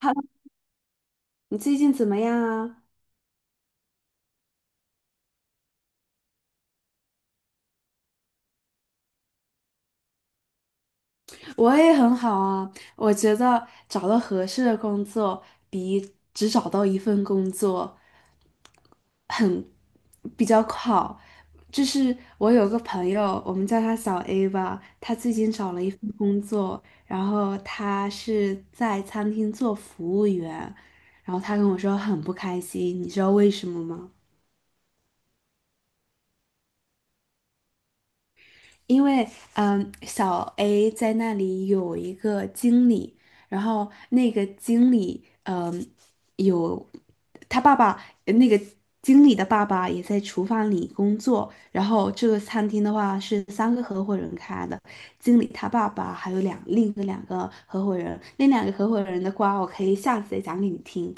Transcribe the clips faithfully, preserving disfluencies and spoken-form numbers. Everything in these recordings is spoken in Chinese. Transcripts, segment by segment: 哈，喽，你最近怎么样啊？我也很好啊，我觉得找到合适的工作比只找到一份工作比较好。就是我有个朋友，我们叫他小 A 吧，他最近找了一份工作，然后他是在餐厅做服务员，然后他跟我说很不开心，你知道为什么吗？因为嗯，小 A 在那里有一个经理，然后那个经理嗯有他爸爸，那个经理的爸爸也在厨房里工作，然后这个餐厅的话是三个合伙人开的，经理他爸爸还有两另一个两个合伙人，那两个合伙人的瓜我可以下次再讲给你听，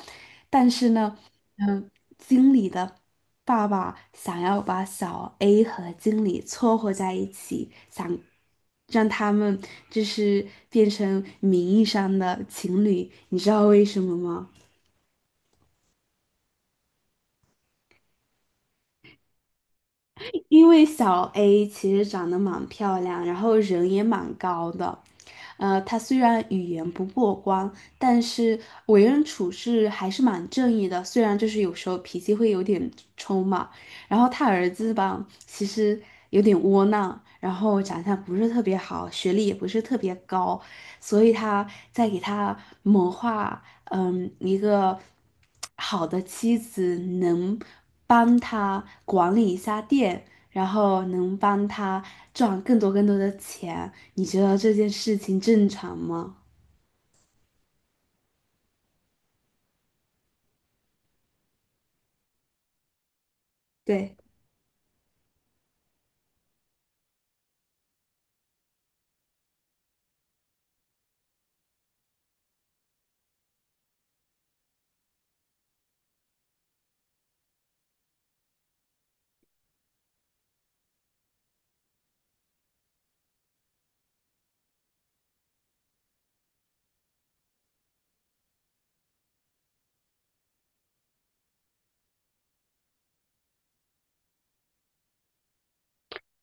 但是呢。嗯。经理的爸爸想要把小 A 和经理撮合在一起，想让他们就是变成名义上的情侣，你知道为什么吗？因为小 A 其实长得蛮漂亮，然后人也蛮高的，呃，她虽然语言不过关，但是为人处事还是蛮正义的，虽然就是有时候脾气会有点冲嘛。然后他儿子吧，其实有点窝囊，然后长相不是特别好，学历也不是特别高，所以他在给他谋划，嗯，一个好的妻子能帮他管理一下店，然后能帮他赚更多更多的钱。你觉得这件事情正常吗？对，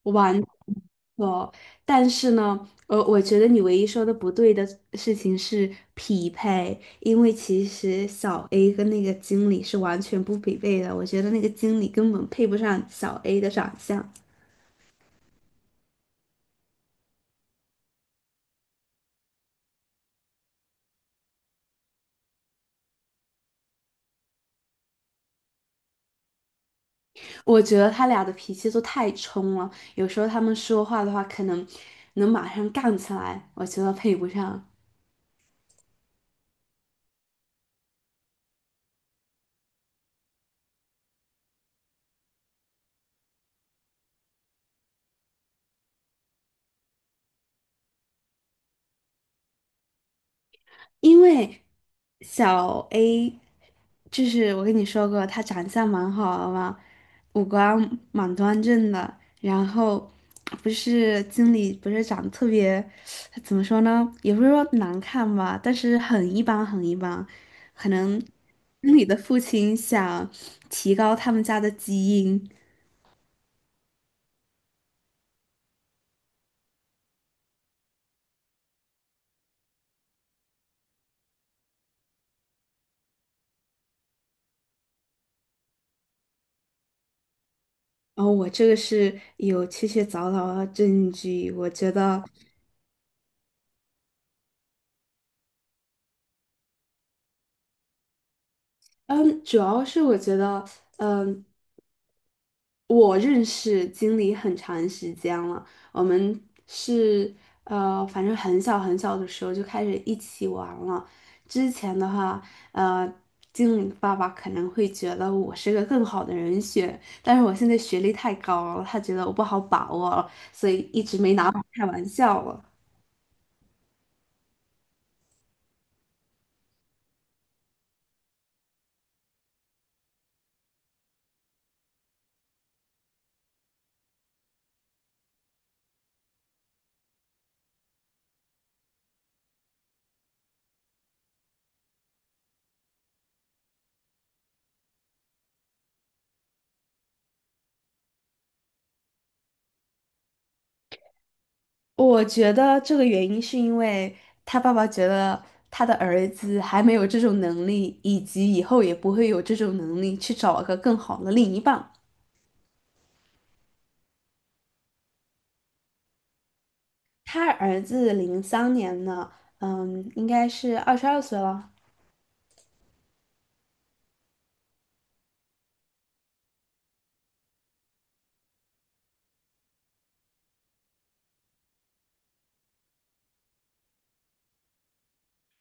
完错。但是呢，呃，我觉得你唯一说的不对的事情是匹配，因为其实小 A 跟那个经理是完全不匹配的。我觉得那个经理根本配不上小 A 的长相。我觉得他俩的脾气都太冲了，有时候他们说话的话，可能能马上杠起来，我觉得配不上。因为小 A，就是我跟你说过，他长相蛮好的嘛，五官蛮端正的，然后不是经理不是长得特别，怎么说呢，也不是说难看吧，但是很一般很一般，可能经理的父亲想提高他们家的基因。哦，我这个是有确切凿凿的证据。我觉得，嗯，主要是我觉得，嗯，我认识经理很长时间了，我们是呃，反正很小很小的时候就开始一起玩了。之前的话，呃，经理爸爸可能会觉得我是个更好的人选，但是我现在学历太高了，他觉得我不好把握了所以一直没拿我开玩笑了。我觉得这个原因是因为他爸爸觉得他的儿子还没有这种能力，以及以后也不会有这种能力去找个更好的另一半。他儿子零三年呢，嗯，应该是二十二岁了。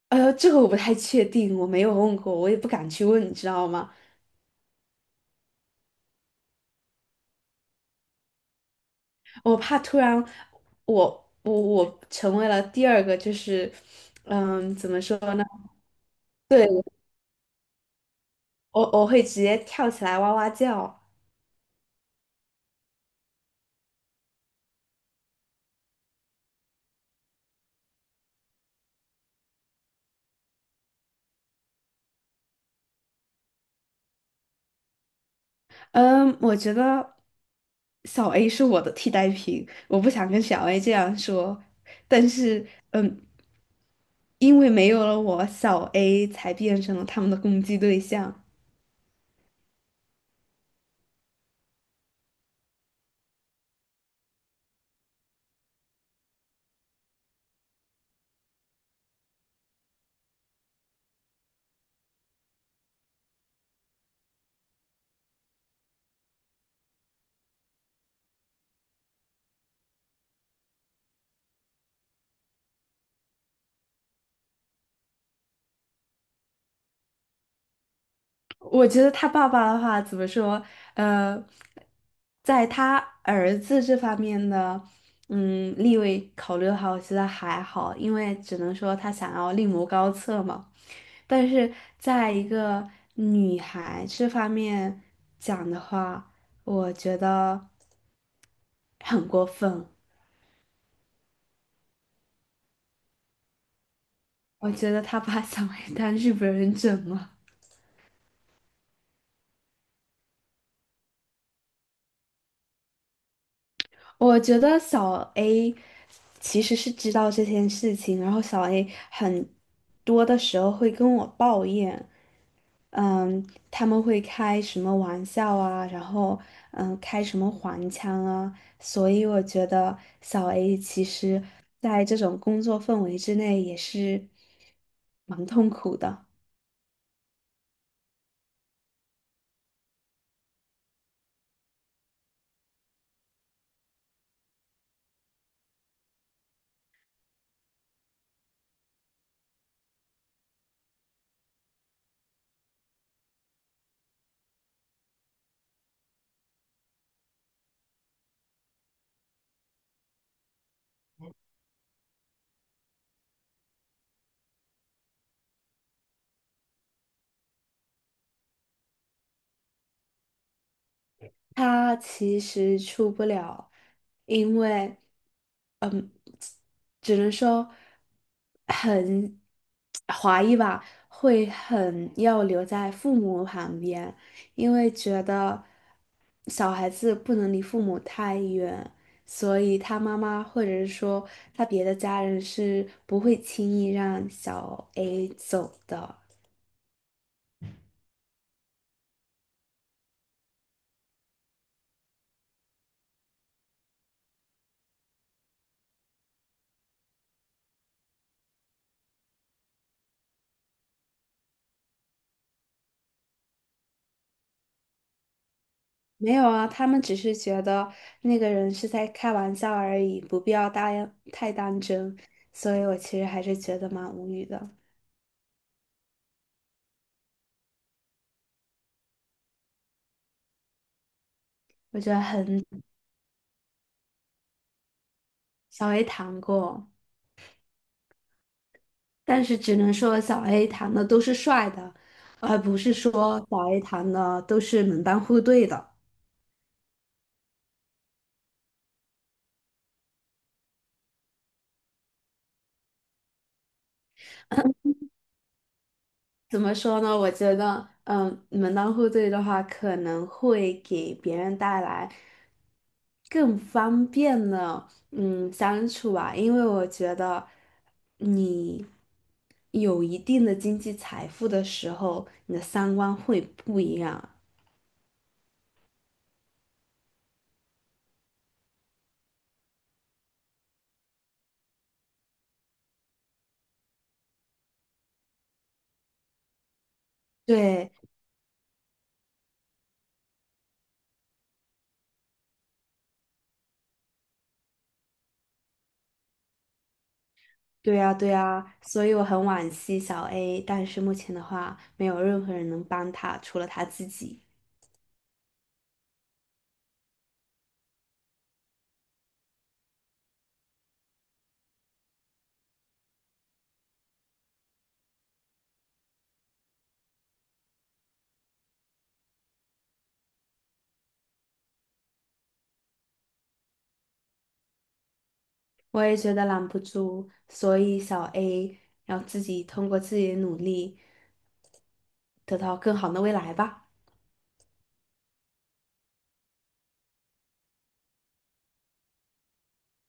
哎呦，这个我不太确定，我没有问过，我也不敢去问，你知道吗？我怕突然我我我成为了第二个，就是嗯，怎么说呢？对，我我会直接跳起来哇哇叫。嗯，我觉得小 A 是我的替代品，我不想跟小 A 这样说，但是，嗯，因为没有了我，小 A 才变成了他们的攻击对象。我觉得他爸爸的话怎么说？呃，在他儿子这方面的，嗯，立位考虑的话，我觉得还好，因为只能说他想要另谋高策嘛。但是在一个女孩这方面讲的话，我觉得很过分。我觉得他把小 A 当日本人整了。我觉得小 A 其实是知道这件事情，然后小 A 很多的时候会跟我抱怨，嗯，他们会开什么玩笑啊，然后嗯，开什么黄腔啊，所以我觉得小 A 其实在这种工作氛围之内也是蛮痛苦的。他其实出不了，因为。只能说很怀疑吧，会很要留在父母旁边，因为觉得小孩子不能离父母太远，所以他妈妈或者是说他别的家人是不会轻易让小 A 走的。没有啊，他们只是觉得那个人是在开玩笑而已，不必要大太当真，所以我其实还是觉得蛮无语的。我觉得很小 A 谈过，但是只能说小 A 谈的都是帅的，而不是说小 A 谈的都是门当户对的。怎么说呢？我觉得，嗯，门当户对的话，可能会给别人带来更方便的，嗯，相处吧。因为我觉得你有一定的经济财富的时候，你的三观会不一样。对，对呀，对呀，所以我很惋惜小 A，但是目前的话，没有任何人能帮他，除了他自己。我也觉得拦不住，所以小 A 要自己通过自己的努力，得到更好的未来吧。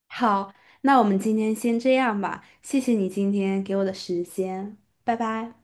好，那我们今天先这样吧，谢谢你今天给我的时间，拜拜。